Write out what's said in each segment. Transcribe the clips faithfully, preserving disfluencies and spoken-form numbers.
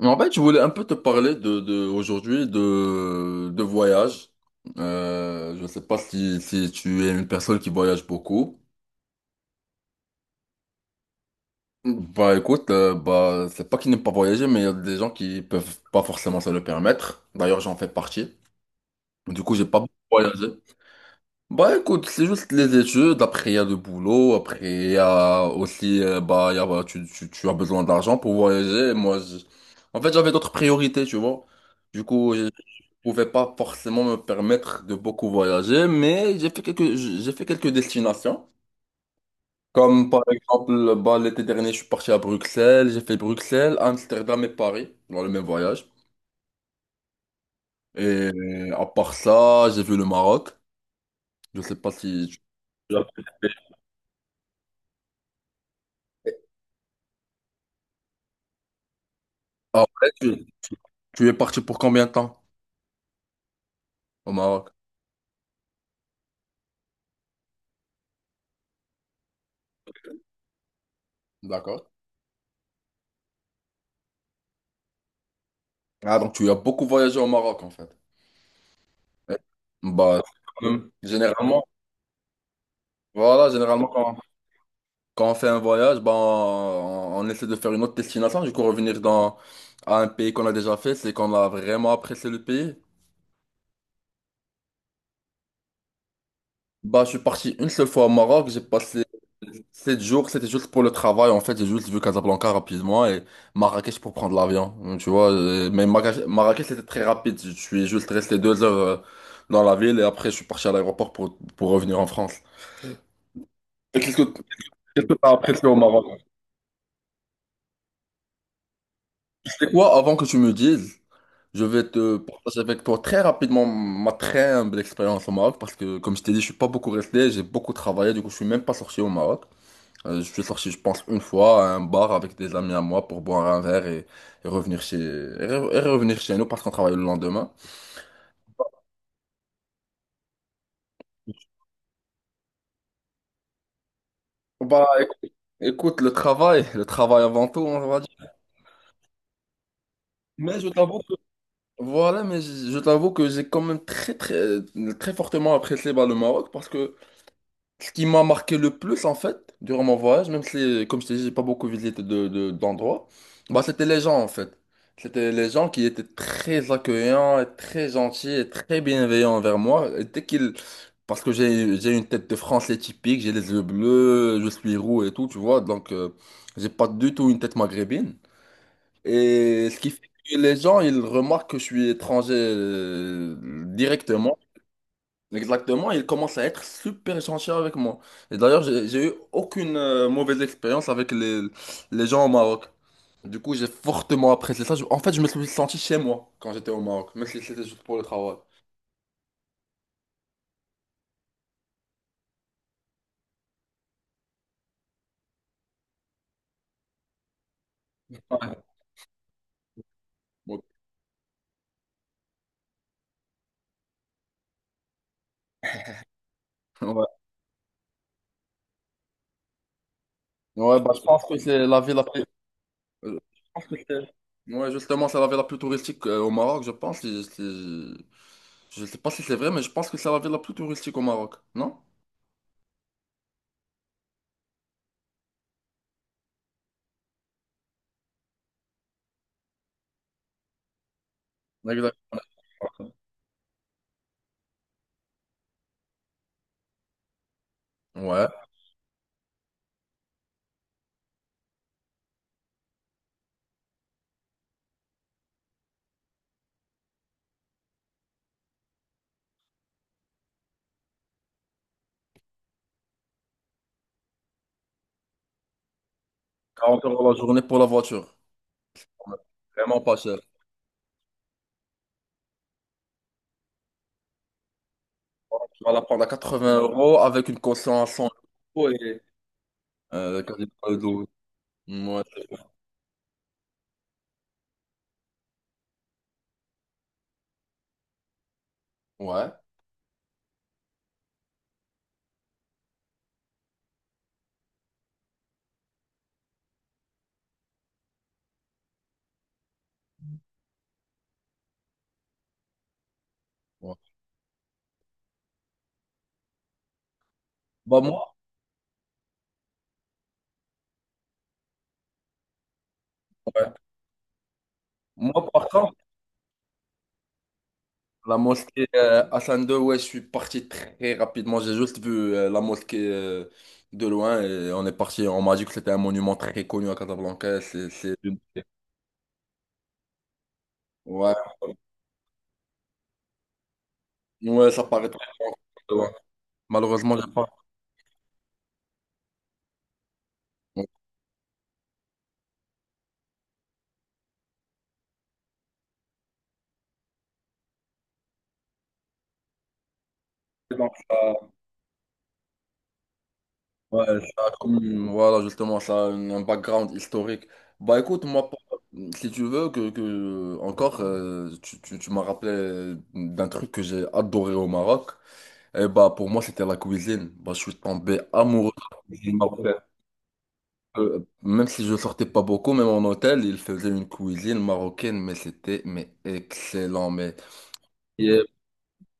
Mais en fait, je voulais un peu te parler de, de aujourd'hui de, de voyage. Euh, je ne sais pas si, si tu es une personne qui voyage beaucoup. Bah écoute, euh, bah c'est pas qu'ils n'aiment pas voyager, mais il y a des gens qui peuvent pas forcément se le permettre. D'ailleurs, j'en fais partie. Du coup, j'ai pas beaucoup voyagé. Bah écoute, c'est juste les études. Après, il y a le boulot. Après, il y a aussi, euh, bah, il y a, bah, tu, tu, tu as besoin d'argent pour voyager. Moi, je- en fait, j'avais d'autres priorités, tu vois. Du coup, j'ai pouvais pas forcément me permettre de beaucoup voyager, mais j'ai fait quelques, j'ai fait quelques destinations. Comme par exemple, bah, l'été dernier, je suis parti à Bruxelles, j'ai fait Bruxelles, Amsterdam et Paris dans le même voyage. Et à part ça, j'ai vu le Maroc. Je sais pas si tu... Ah ouais, tu, tu- tu es parti pour combien de temps au Maroc? D'accord. Ah, donc tu as beaucoup voyagé au Maroc en fait. Eh, Bah, quand même, généralement, voilà, généralement, quand on fait un voyage, ben, on, on essaie de faire une autre destination. Du coup, revenir dans, à un pays qu'on a déjà fait, c'est qu'on a vraiment apprécié le pays. Bah, je suis parti une seule fois au Maroc. J'ai passé sept jours. C'était juste pour le travail. En fait, j'ai juste vu Casablanca rapidement et Marrakech pour prendre l'avion. Donc, tu vois, euh, mais Marrakech, Marrakech, c'était très rapide. Je suis juste resté deux heures euh, dans la ville et après, je suis parti à l'aéroport pour, pour revenir en France. Et Qu'est-ce que qu'est-ce que t'as apprécié au Maroc? C'est quoi, avant que tu me dises? Je vais te partager avec toi très rapidement ma très humble expérience au Maroc parce que, comme je t'ai dit, je suis pas beaucoup resté, j'ai beaucoup travaillé, du coup, je suis même pas sorti au Maroc. Euh, je suis sorti, je pense, une fois à un bar avec des amis à moi pour boire un verre et, et revenir chez, et re- et revenir chez nous parce qu'on travaille le lendemain. Bah, éc- écoute, le travail, le travail avant tout, on va dire. Mais je t'avoue que... Voilà, mais je je t'avoue que j'ai quand même très, très, très fortement apprécié bah, le Maroc parce que ce qui m'a marqué le plus, en fait, durant mon voyage, même si, comme je t'ai dit, j'ai pas beaucoup visité de, de- d'endroits, bah, c'était les gens, en fait. C'était les gens qui étaient très accueillants, et très gentils et très bienveillants envers moi. Et dès qu'ils... Parce que j'ai, j'ai une tête de Français typique, j'ai les yeux bleus, je suis roux et tout, tu vois, donc euh, j'ai pas du tout une tête maghrébine. Et ce qui fait que les gens, ils remarquent que je suis étranger euh, directement. Exactement, il commence à être super gentil avec moi. Et d'ailleurs, j'ai j'ai eu aucune euh, mauvaise expérience avec les, les gens au Maroc. Du coup, j'ai fortement apprécié ça. Je- en fait, je me suis senti chez moi quand j'étais au Maroc, même si c'était juste pour le travail. Ouais. Donc, ouais. Ouais, bah, je pense que c'est la ville la plus... euh, je pense que c'est- ouais, justement, c'est la ville la plus touristique euh, au Maroc, je pense. Si- si- Je sais pas si c'est vrai, mais je pense que c'est la ville la plus touristique au Maroc, non? Exactement. Ouais, quarante euros la journée pour la voiture. Vraiment pas cher. Tu vas la prendre à quatre-vingts euros avec une caution à cent euros et euh, quasiment le double. Ouais. Ouais, ouais. Bah moi, ouais. Moi par contre, la mosquée euh, Hassan deux, ouais, je suis parti très rapidement. J'ai juste vu euh, la mosquée euh, de loin et on est parti. On m'a dit que c'était un monument très connu à Casablanca. C'est, c'est... une- Ouais. Ouais, ça paraît très grand. Ouais. Malheureusement, j'ai pas. Ouais. Donc, ça- ouais, ça a comme- voilà, justement, ça a un un background historique. Bah écoute, moi, pour- si tu veux, que, que encore, euh, tu, tu, tu m'as rappelé d'un truc que j'ai adoré au Maroc. Et bah pour moi, c'était la cuisine. Bah, je suis tombé amoureux de la cuisine marocaine. Euh, Même si je sortais pas beaucoup, même en hôtel, ils faisaient une cuisine marocaine, mais c'était mais excellent. Mais et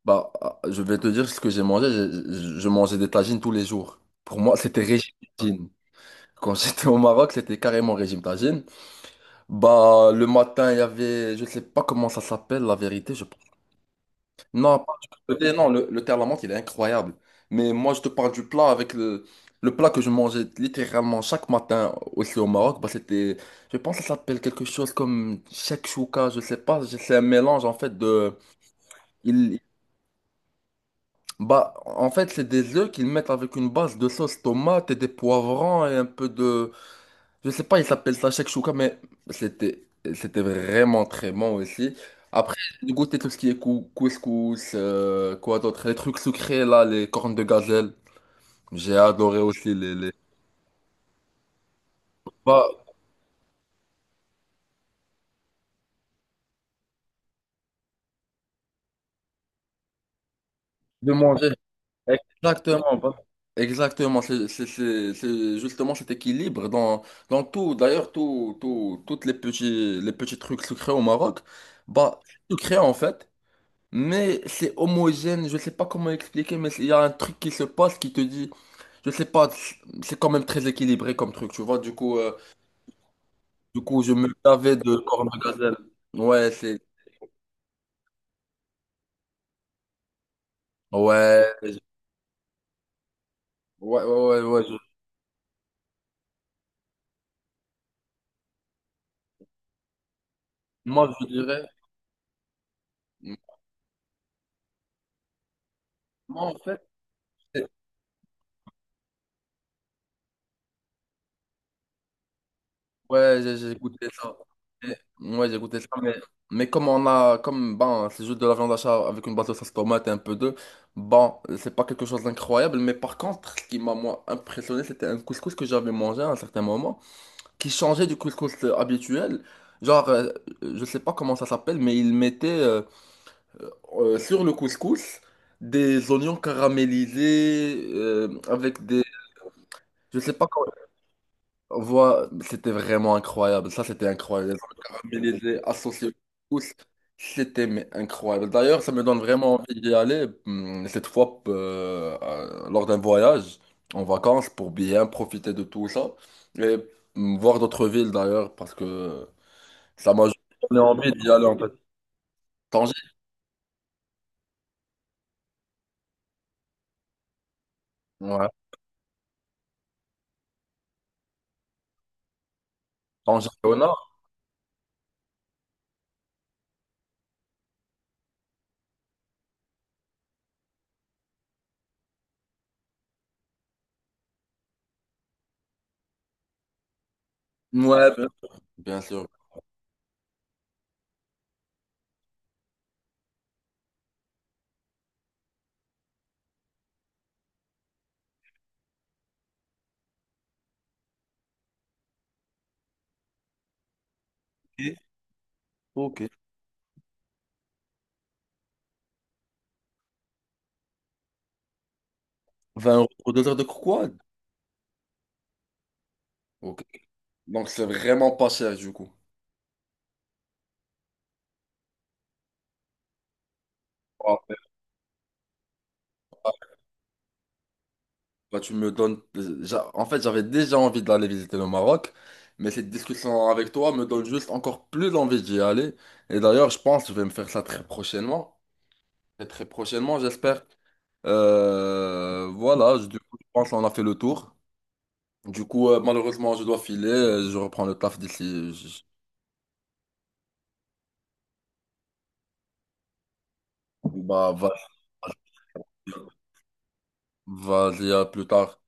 bah, je vais te dire ce que j'ai mangé. Je, je- je mangeais des tagines tous les jours. Pour moi, c'était régime. Quand j'étais au Maroc, c'était carrément régime tagine. Bah, le matin, il y avait, je sais pas comment ça s'appelle, la vérité. Je... Non, pas du thé, non, le, le thé à la menthe, il est incroyable. Mais moi, je te parle du plat avec le, le plat que je mangeais littéralement chaque matin aussi au Maroc. Bah, c'était, je pense que ça s'appelle quelque chose comme chouka, je sais pas. C'est un mélange, en fait, de, il, bah, en fait, c'est des œufs qu'ils mettent avec une base de sauce tomate et des poivrons et un peu de, je sais pas, il s'appelle ça chouka mais c'était c'était vraiment très bon aussi. Après, j'ai goûté tout ce qui est cou- couscous, euh, quoi d'autre, les trucs sucrés là, les cornes de gazelle. J'ai adoré aussi les, les... Bah, de manger. Exactement, exactement. C'est c'est- c'est- c'est justement cet équilibre dans, dans tout. D'ailleurs, tout, tout, toutes les petits, les petits trucs sucrés au Maroc, bah, c'est sucré en fait, mais c'est homogène. Je sais pas comment expliquer, mais il y a un truc qui se passe qui te dit. Je sais pas, c'est quand même très équilibré comme truc, tu vois. Du coup, euh, du coup, je me lavais de corne de gazelle. Ouais, c'est. Ouais, je- ouais, ouais, ouais. ouais, je- Moi, je dirais. Moi, en fait, c'est- ouais, j'ai j'ai goûté ça. Et- ouais, j'ai goûté ça, mais, mais comme on a. Comme, ben, c'est juste de la viande d'achat avec une base de sauce tomate et un peu d'œuf. Bon, c'est pas quelque chose d'incroyable, mais par contre, ce qui m'a, moi, impressionné, c'était un couscous que j'avais mangé à un certain moment, qui changeait du couscous euh, habituel. Genre, euh, je sais pas comment ça s'appelle, mais ils mettaient euh, euh, sur le couscous des oignons caramélisés euh, avec des... Je sais pas comment... Voi- c'était vraiment incroyable. Ça, c'était incroyable. Les oignons caramélisés associés au couscous, c'était mais, incroyable. D'ailleurs, ça me donne vraiment envie d'y aller hum, cette fois euh, euh, lors d'un voyage en vacances pour bien profiter de tout ça. Et hum, voir d'autres villes d'ailleurs parce que... Ça m'a juste donné envie d'y aller en fait. Tanger? Ouais. Tanger au nord? Ouais, bien sûr. Bien sûr. Ok, ok. vingt euros pour deux heures de croquade? Ok. Donc c'est vraiment pas cher du coup. Ah, mais, ah, bah, tu me donnes. j'a- En fait, j'avais déjà envie d'aller visiter le Maroc, mais cette discussion avec toi me donne juste encore plus envie d'y aller. Et d'ailleurs, je pense que je vais me faire ça très prochainement. Et très prochainement, j'espère. Euh, voilà, je- du coup, je pense qu'on a fait le tour. Du coup, euh, malheureusement, je dois filer. euh, Je reprends le taf d'ici. je- je- Bah, va- vas-y, à plus tard.